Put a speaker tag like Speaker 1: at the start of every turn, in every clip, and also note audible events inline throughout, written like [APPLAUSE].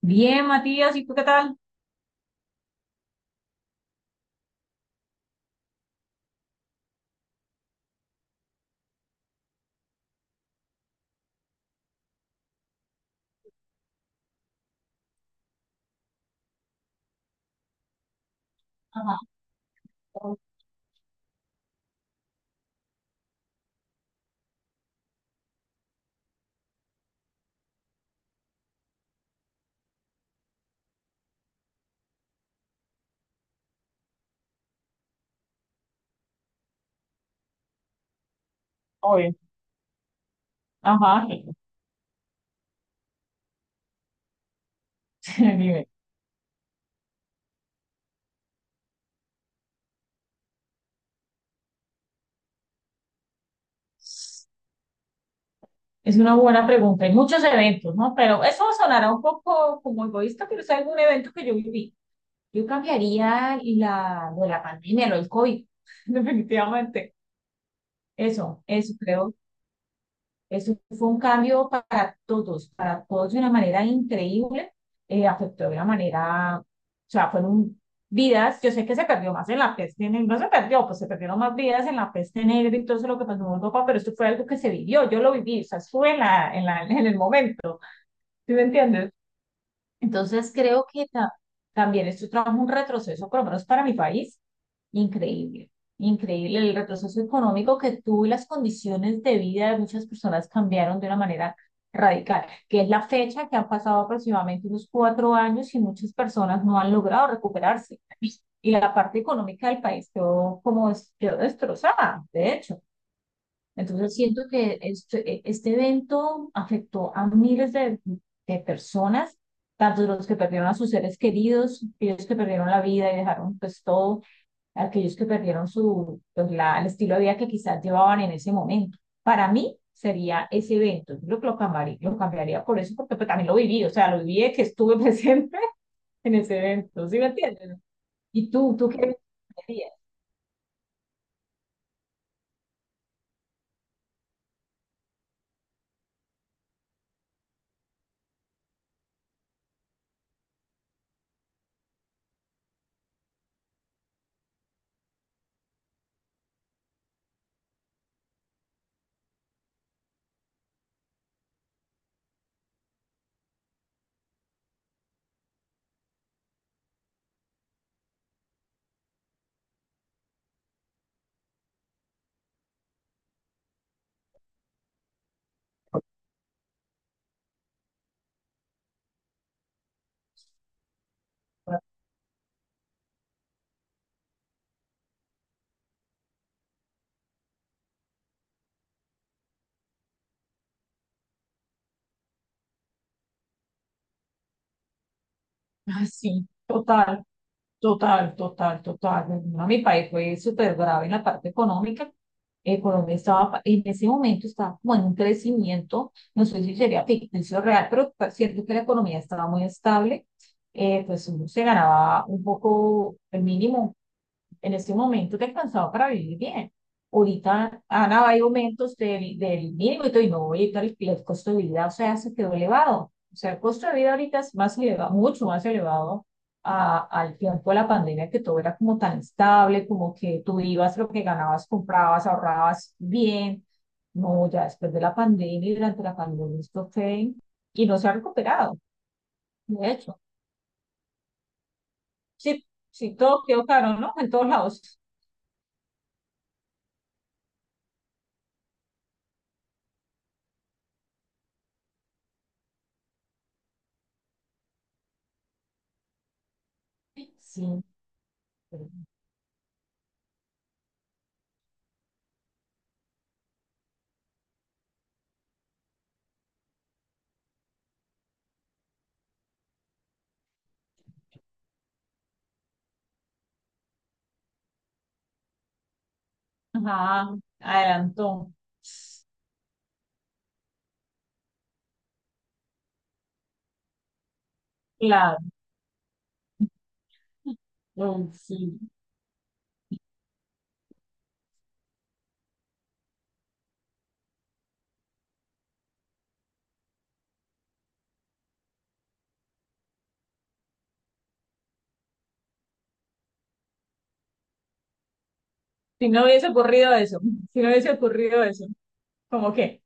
Speaker 1: Bien, Matías, ¿y tú qué tal? Oye, ajá, [LAUGHS] dime. Es una buena pregunta. Hay muchos eventos, ¿no? Pero eso sonará un poco como egoísta, pero es algún evento que yo viví. Yo cambiaría lo de la pandemia, lo del COVID. [LAUGHS] Definitivamente. Eso creo. Eso fue un cambio para todos de una manera increíble, afectó de una manera, o sea, fueron vidas. Yo sé que se perdió más en la peste negra, no se perdió, pues se perdieron más vidas en la peste negra y todo eso lo que pasó en Europa, pero esto fue algo que se vivió, yo lo viví, o sea, estuve en el momento, ¿sí me entiendes? Entonces creo que también esto trajo un retroceso, por lo menos para mi país, increíble, increíble el retroceso económico que tuvo, y las condiciones de vida de muchas personas cambiaron de una manera radical, que es la fecha que han pasado aproximadamente unos cuatro años y muchas personas no han logrado recuperarse. Y la parte económica del país quedó como quedó destrozada, de hecho. Entonces siento que este evento afectó a miles de personas, tanto los que perdieron a sus seres queridos, aquellos que perdieron la vida y dejaron pues todo, aquellos que perdieron su, pues, el estilo de vida que quizás llevaban en ese momento. Para mí sería ese evento, yo creo que lo cambiaría por eso, porque pues, también lo viví, o sea, lo viví de que estuve [LAUGHS] presente en ese evento, ¿sí me entiendes? ¿Y tú qué harías? Ah, sí, total. Total, total, total. A mi país fue súper grave en la parte económica. Colombia en ese momento estaba como en un crecimiento, no sé si sería ficticio o real, pero cierto que la economía estaba muy estable. Pues uno se ganaba un poco el mínimo, en ese momento te alcanzaba para vivir bien. Ahorita, Ana, hay aumentos del mínimo y todo, y no voy a el, costo de vida, o sea, se quedó elevado. O sea, el costo de vida ahorita es más elevado, mucho más elevado a, al tiempo de la pandemia, que todo era como tan estable, como que tú ibas lo que ganabas, comprabas, ahorrabas bien. No, ya después de la pandemia y durante la pandemia esto fue y no se ha recuperado, de hecho. Sí, sí, todo quedó caro, ¿no? En todos lados. Sí. Ajá, adelantó. Claro, uy, sí. Si no hubiese ocurrido eso, si no hubiese ocurrido eso, ¿cómo qué?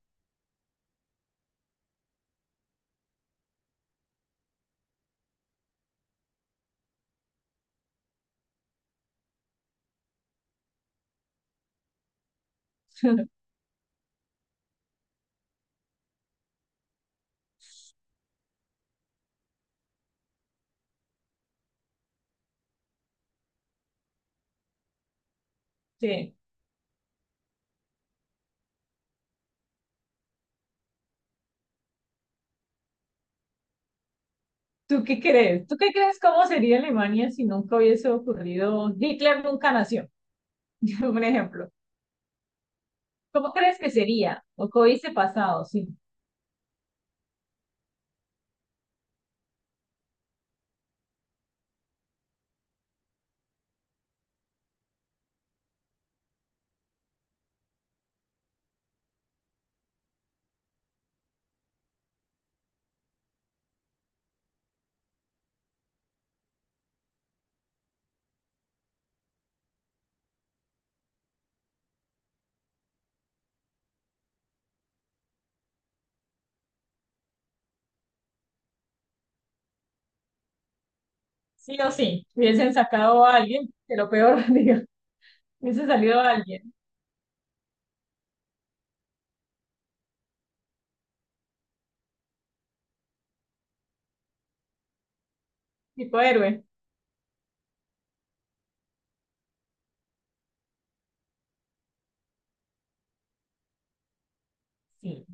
Speaker 1: [LAUGHS] Sí. ¿Tú qué crees? ¿Tú qué crees cómo sería Alemania si nunca hubiese ocurrido? Hitler nunca nació, [LAUGHS] un ejemplo. ¿Cómo crees que sería? ¿O qué hubiese pasado? Sí, sí o sí. Hubiesen sacado a alguien, que lo peor, [LAUGHS] digo, hubiese salido alguien, tipo héroe. Sí.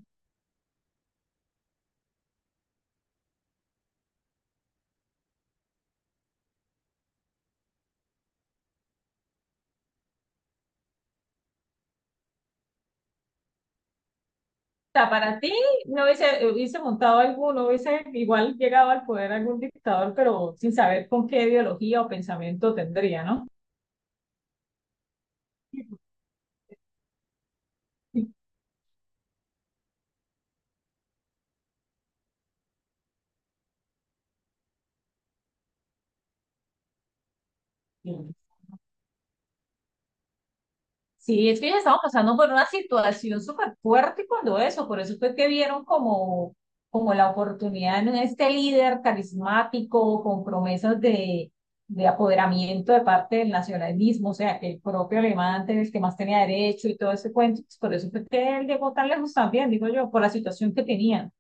Speaker 1: Sea, para ti no hubiese, hubiese montado alguno, hubiese igual llegado al poder algún dictador, pero sin saber con qué ideología o pensamiento tendría, ¿no? Sí, es que ya estaban pasando por una situación súper fuerte cuando eso, por eso fue que vieron como, como la oportunidad en este líder carismático, con promesas de apoderamiento de parte del nacionalismo, o sea, que el propio alemán era el que más tenía derecho y todo ese cuento, pues por eso fue que él llegó tan lejos también, digo yo, por la situación que tenía.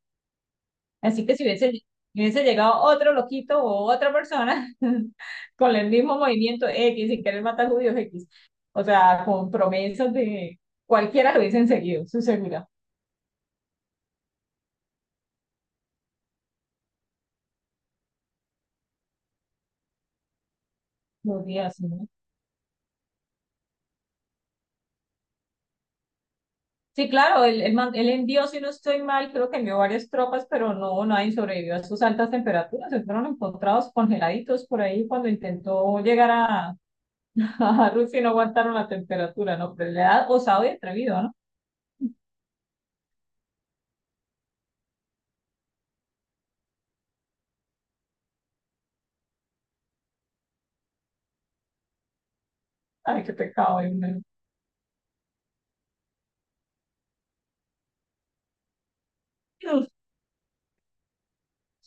Speaker 1: Así que si hubiese llegado otro loquito o otra persona [LAUGHS] con el mismo movimiento X sin querer matar judíos X, o sea, con promesas de cualquiera lo hubiesen seguido, su seguridad. Los días, ¿no? Sí, claro, él envió, si no estoy mal, creo que envió varias tropas, pero no, nadie sobrevivió a sus altas temperaturas. Se fueron encontrados congeladitos por ahí cuando intentó llegar a, [LAUGHS] a Rusia, y no aguantaron la temperatura, ¿no? Pero le da osado y atrevido, ¿no? Ay, qué pecado. Dios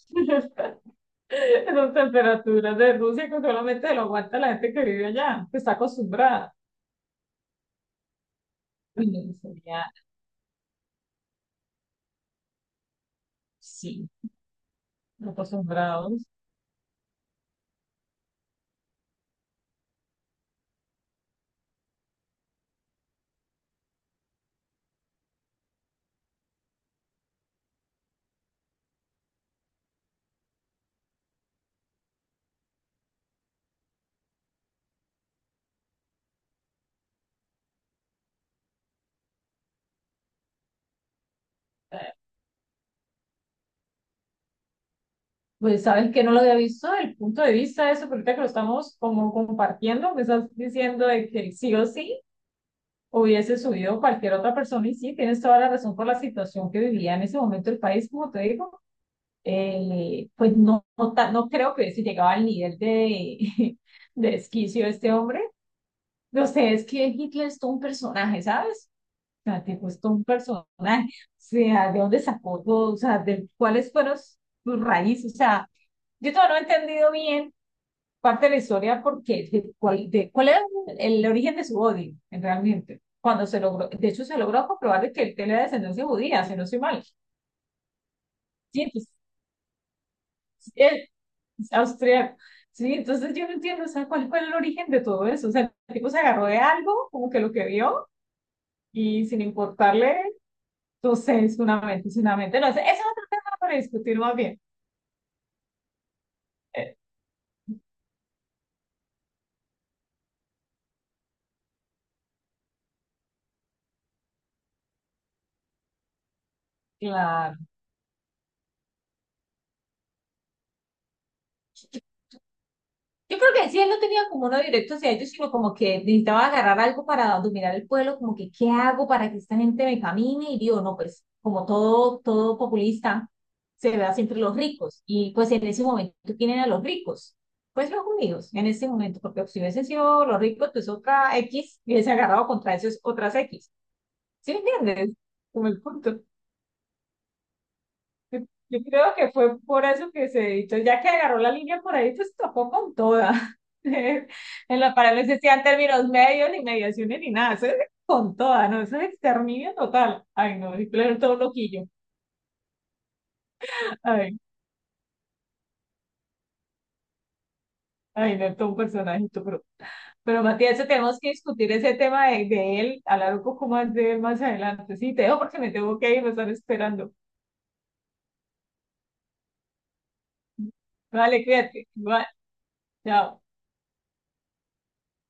Speaker 1: mío. [LAUGHS] [LAUGHS] Esas temperaturas de Rusia que solamente lo aguanta la gente que vive allá, que está acostumbrada. Y sería, sí, acostumbrados. Eh, Pues sabes que no lo había visto desde el punto de vista de eso, porque ahorita que lo estamos como compartiendo, me estás diciendo de que sí o sí hubiese subido cualquier otra persona y sí, tienes toda la razón por la situación que vivía en ese momento el país, como te digo. Pues no, no creo que hubiese llegado al nivel de, [LAUGHS] de desquicio de este hombre. No sé, es que Hitler es todo un personaje, ¿sabes? O sea, tipo, es todo un personaje. O sea, ¿de dónde sacó todo? O sea, de cuáles fueron sus raíces. O sea, yo todavía no he entendido bien parte de la historia porque de cuál era el origen de su odio, en realmente. Cuando se logró, de hecho, se logró comprobar de que él tenía descendencia judía, si no soy mal. Sí, entonces, él es austriaco. Sí, entonces yo no entiendo, o sea, cuál fue el origen de todo eso. O sea, el tipo se agarró de algo, como que lo que vio y sin importarle. Entonces, fundamentos, fundamentos. No, ese es otro tema para discutir más bien. Eh, Claro. Yo creo que si él no tenía como uno directo hacia ellos, sino como que necesitaba agarrar algo para dominar el pueblo, como que, ¿qué hago para que esta gente me camine? Y digo, no, pues como todo, todo populista, se ve a siempre los ricos. Y pues en ese momento, ¿quién a los ricos? Pues los judíos, en ese momento, porque si hubiesen sido los ricos, pues otra X, y hubiese agarrado contra esos otras X. ¿Sí me entiendes? Como el punto. Yo yo creo que fue por eso que se editó, ya que agarró la línea por ahí, pues tocó con toda. [LAUGHS] En la pared no existían términos medios, ni mediaciones, ni nada, eso es con toda, ¿no? Eso es exterminio total. Ay, no, y claro, todo loquillo. Ay, ay, no, todo un personajito, pero Matías, eso tenemos que discutir ese tema de él, hablar un poco más de él más adelante. Sí, te dejo porque me tengo que ir, me están esperando. Vale, cuídate. Igual, chao.